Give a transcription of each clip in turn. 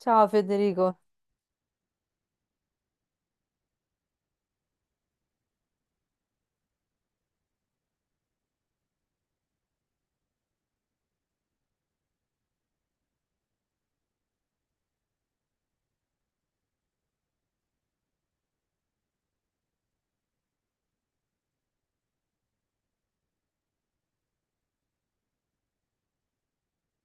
Ciao Federico.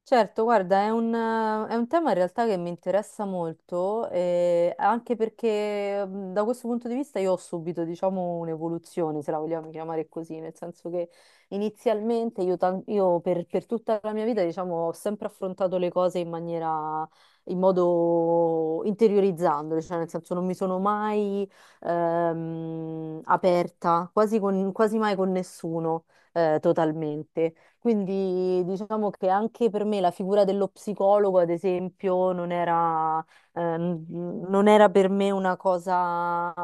Certo, guarda, è un tema in realtà che mi interessa molto, anche perché da questo punto di vista io ho subito, diciamo, un'evoluzione, se la vogliamo chiamare così, nel senso che inizialmente io per tutta la mia vita, diciamo, ho sempre affrontato le cose in maniera, in modo interiorizzandole, cioè nel senso non mi sono mai aperta, quasi, quasi mai con nessuno totalmente. Quindi diciamo che anche per me la figura dello psicologo, ad esempio, non era per me una cosa,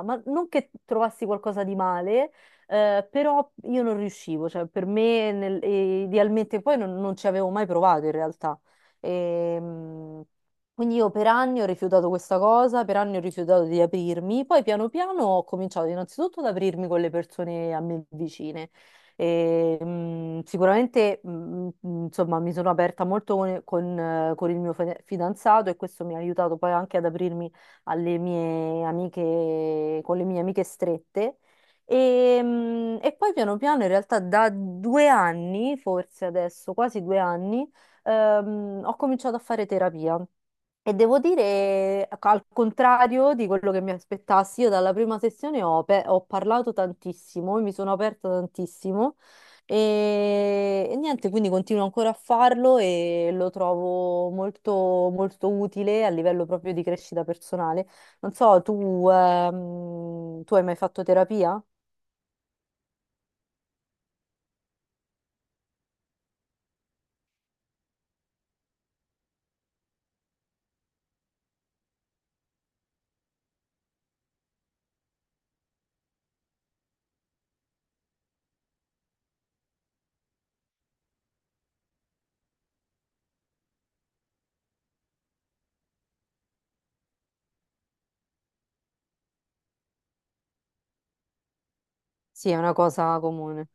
ma non che trovassi qualcosa di male, però io non riuscivo, cioè per me idealmente poi non, non ci avevo mai provato in realtà. Ehm, quindi io per anni ho rifiutato questa cosa, per anni ho rifiutato di aprirmi, poi piano piano ho cominciato innanzitutto ad aprirmi con le persone a me vicine. Sicuramente, insomma, mi sono aperta molto con il mio fidanzato e questo mi ha aiutato poi anche ad aprirmi alle mie amiche, con le mie amiche strette. E poi piano piano, in realtà, da due anni, forse adesso, quasi due anni, ho cominciato a fare terapia. E devo dire, ecco, al contrario di quello che mi aspettassi, io dalla prima sessione ho parlato tantissimo, mi sono aperta tantissimo e niente, quindi continuo ancora a farlo e lo trovo molto, molto utile a livello proprio di crescita personale. Non so, tu hai mai fatto terapia? Sì, è una cosa comune,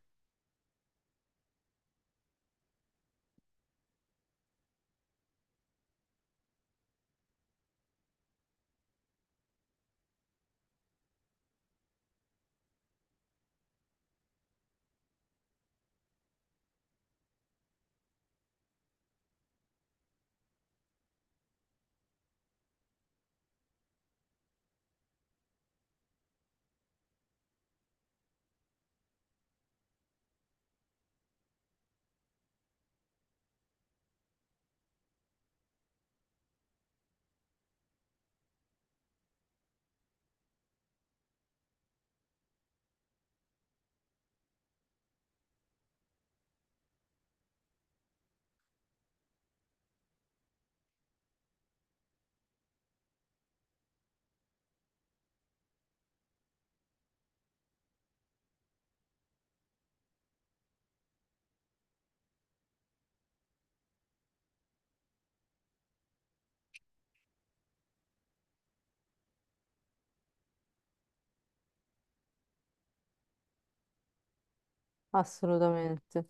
assolutamente.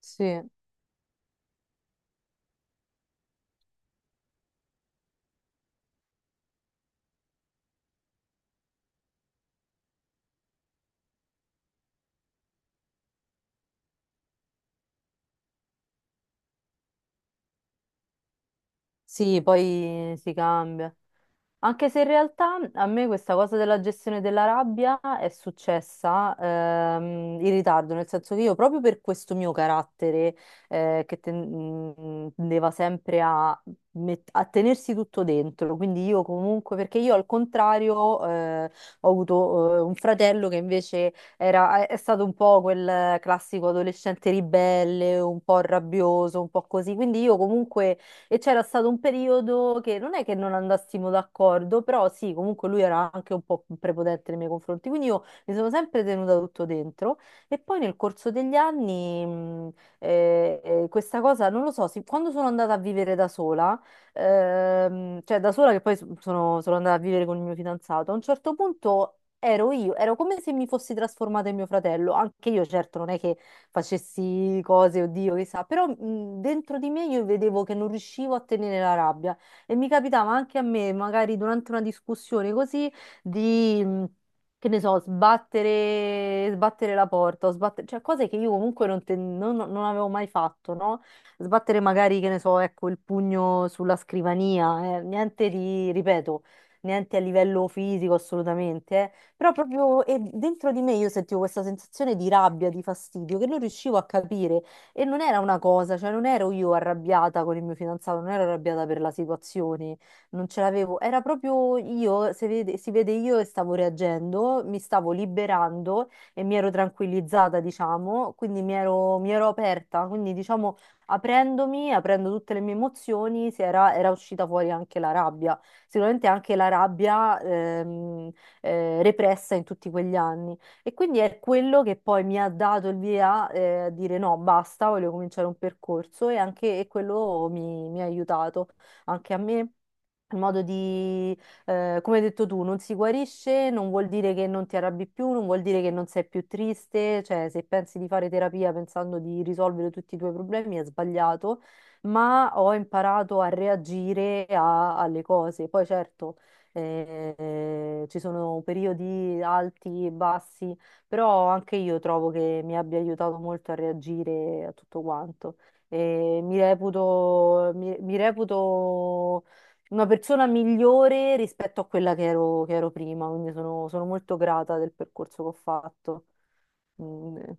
Sì. Sì, poi si cambia. Anche se in realtà a me questa cosa della gestione della rabbia è successa in ritardo, nel senso che io proprio per questo mio carattere tendeva sempre a, a tenersi tutto dentro, quindi io comunque, perché io al contrario ho avuto un fratello che invece è stato un po' quel classico adolescente ribelle, un po' rabbioso, un po' così, quindi io comunque e c'era stato un periodo che non è che non andassimo d'accordo, però sì, comunque lui era anche un po' prepotente nei miei confronti, quindi io mi sono sempre tenuta tutto dentro. E poi nel corso degli anni, questa cosa, non lo so, sì, quando sono andata a vivere da sola, cioè da sola che poi sono andata a vivere con il mio fidanzato, a un certo punto. Ero io, ero come se mi fossi trasformata in mio fratello, anche io certo non è che facessi cose, oddio, chissà, però dentro di me io vedevo che non riuscivo a tenere la rabbia e mi capitava anche a me, magari durante una discussione così, di... mh, che ne so, sbattere, sbattere la porta, o sbattere, cioè cose che io comunque non, te- non- non avevo mai fatto, no? Sbattere magari, che ne so, ecco, il pugno sulla scrivania, niente di, ripeto, niente a livello fisico assolutamente, eh. Però proprio e dentro di me io sentivo questa sensazione di rabbia, di fastidio, che non riuscivo a capire. E non era una cosa, cioè non ero io arrabbiata con il mio fidanzato, non ero arrabbiata per la situazione, non ce l'avevo. Era proprio io, si vede io che stavo reagendo, mi stavo liberando e mi ero tranquillizzata, diciamo, quindi mi ero aperta, quindi diciamo aprendomi, aprendo tutte le mie emozioni, era uscita fuori anche la rabbia. Sicuramente anche la rabbia, repressa in tutti quegli anni. E quindi è quello che poi mi ha dato il via, a dire no, basta, voglio cominciare un percorso e anche e quello mi ha aiutato anche a me. Il modo di, come hai detto tu, non si guarisce, non vuol dire che non ti arrabbi più, non vuol dire che non sei più triste, cioè se pensi di fare terapia pensando di risolvere tutti i tuoi problemi è sbagliato, ma ho imparato a reagire alle cose. Poi certo ci sono periodi alti e bassi, però anche io trovo che mi abbia aiutato molto a reagire a tutto quanto. E mi reputo, mi reputo una persona migliore rispetto a quella che ero prima, quindi sono, sono molto grata del percorso che ho fatto. Mm, eh,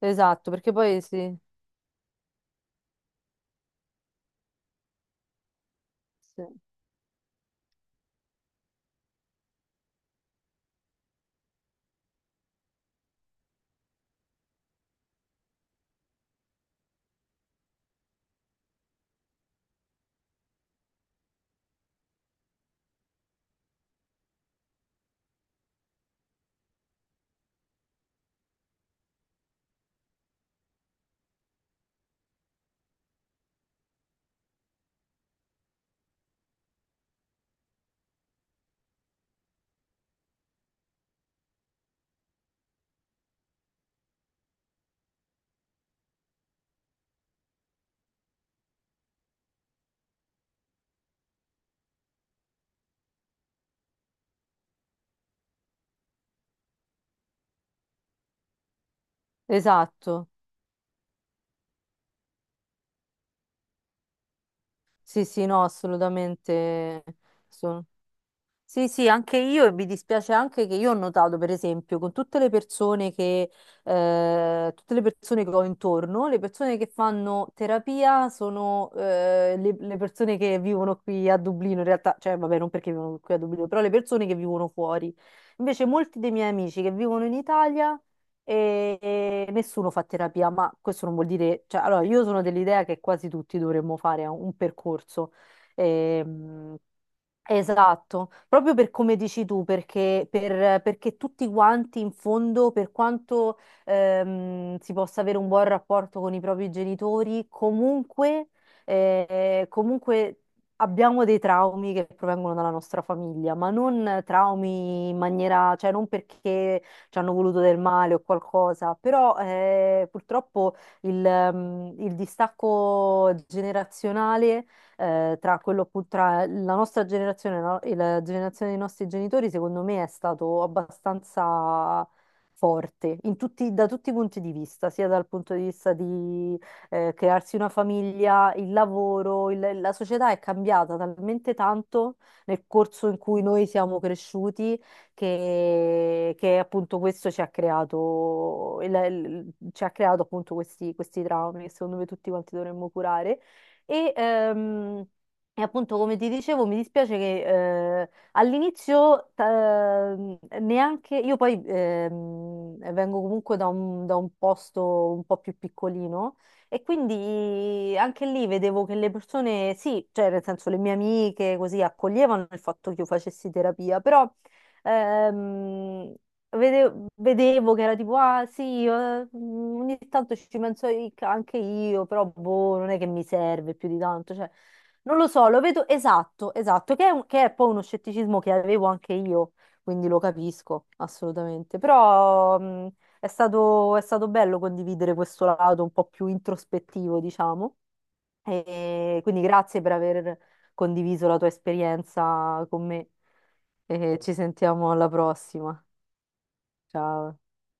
Esatto, perché poi sì, sì. Esatto, sì, sì, no, assolutamente. Sì, sì, anche io e mi dispiace anche che io ho notato, per esempio, con tutte tutte le persone che ho intorno, le persone che fanno terapia sono le persone che vivono qui a Dublino, in realtà, cioè vabbè, non perché vivono qui a Dublino, però le persone che vivono fuori. Invece molti dei miei amici che vivono in Italia e nessuno fa terapia, ma questo non vuol dire, cioè, allora io sono dell'idea che quasi tutti dovremmo fare un percorso. Ehm, Esatto, proprio per come dici tu, perché, perché tutti quanti in fondo, per quanto si possa avere un buon rapporto con i propri genitori, comunque abbiamo dei traumi che provengono dalla nostra famiglia, ma non traumi in maniera, cioè non perché ci hanno voluto del male o qualcosa, però purtroppo il il distacco generazionale tra quello appunto, tra la nostra generazione, no, e la generazione dei nostri genitori, secondo me è stato abbastanza forte in da tutti i punti di vista, sia dal punto di vista di crearsi una famiglia, il lavoro, la società è cambiata talmente tanto nel corso in cui noi siamo cresciuti che appunto questo ci ha creato, ci ha creato appunto questi traumi che secondo me tutti quanti dovremmo curare. E, ehm, e appunto, come ti dicevo, mi dispiace che all'inizio neanche io poi vengo comunque da un posto un po' più piccolino e quindi anche lì vedevo che le persone, sì, cioè nel senso le mie amiche così accoglievano il fatto che io facessi terapia, però ehm, vedevo che era tipo, ah sì, mm, ogni tanto ci penso anche io, però boh, non è che mi serve più di tanto, cioè, non lo so, lo vedo esatto, esatto, che è, che è poi uno scetticismo che avevo anche io, quindi lo capisco assolutamente, però mm, è stato bello condividere questo lato un po' più introspettivo, diciamo, e quindi grazie per aver condiviso la tua esperienza con me e ci sentiamo alla prossima. Ciao.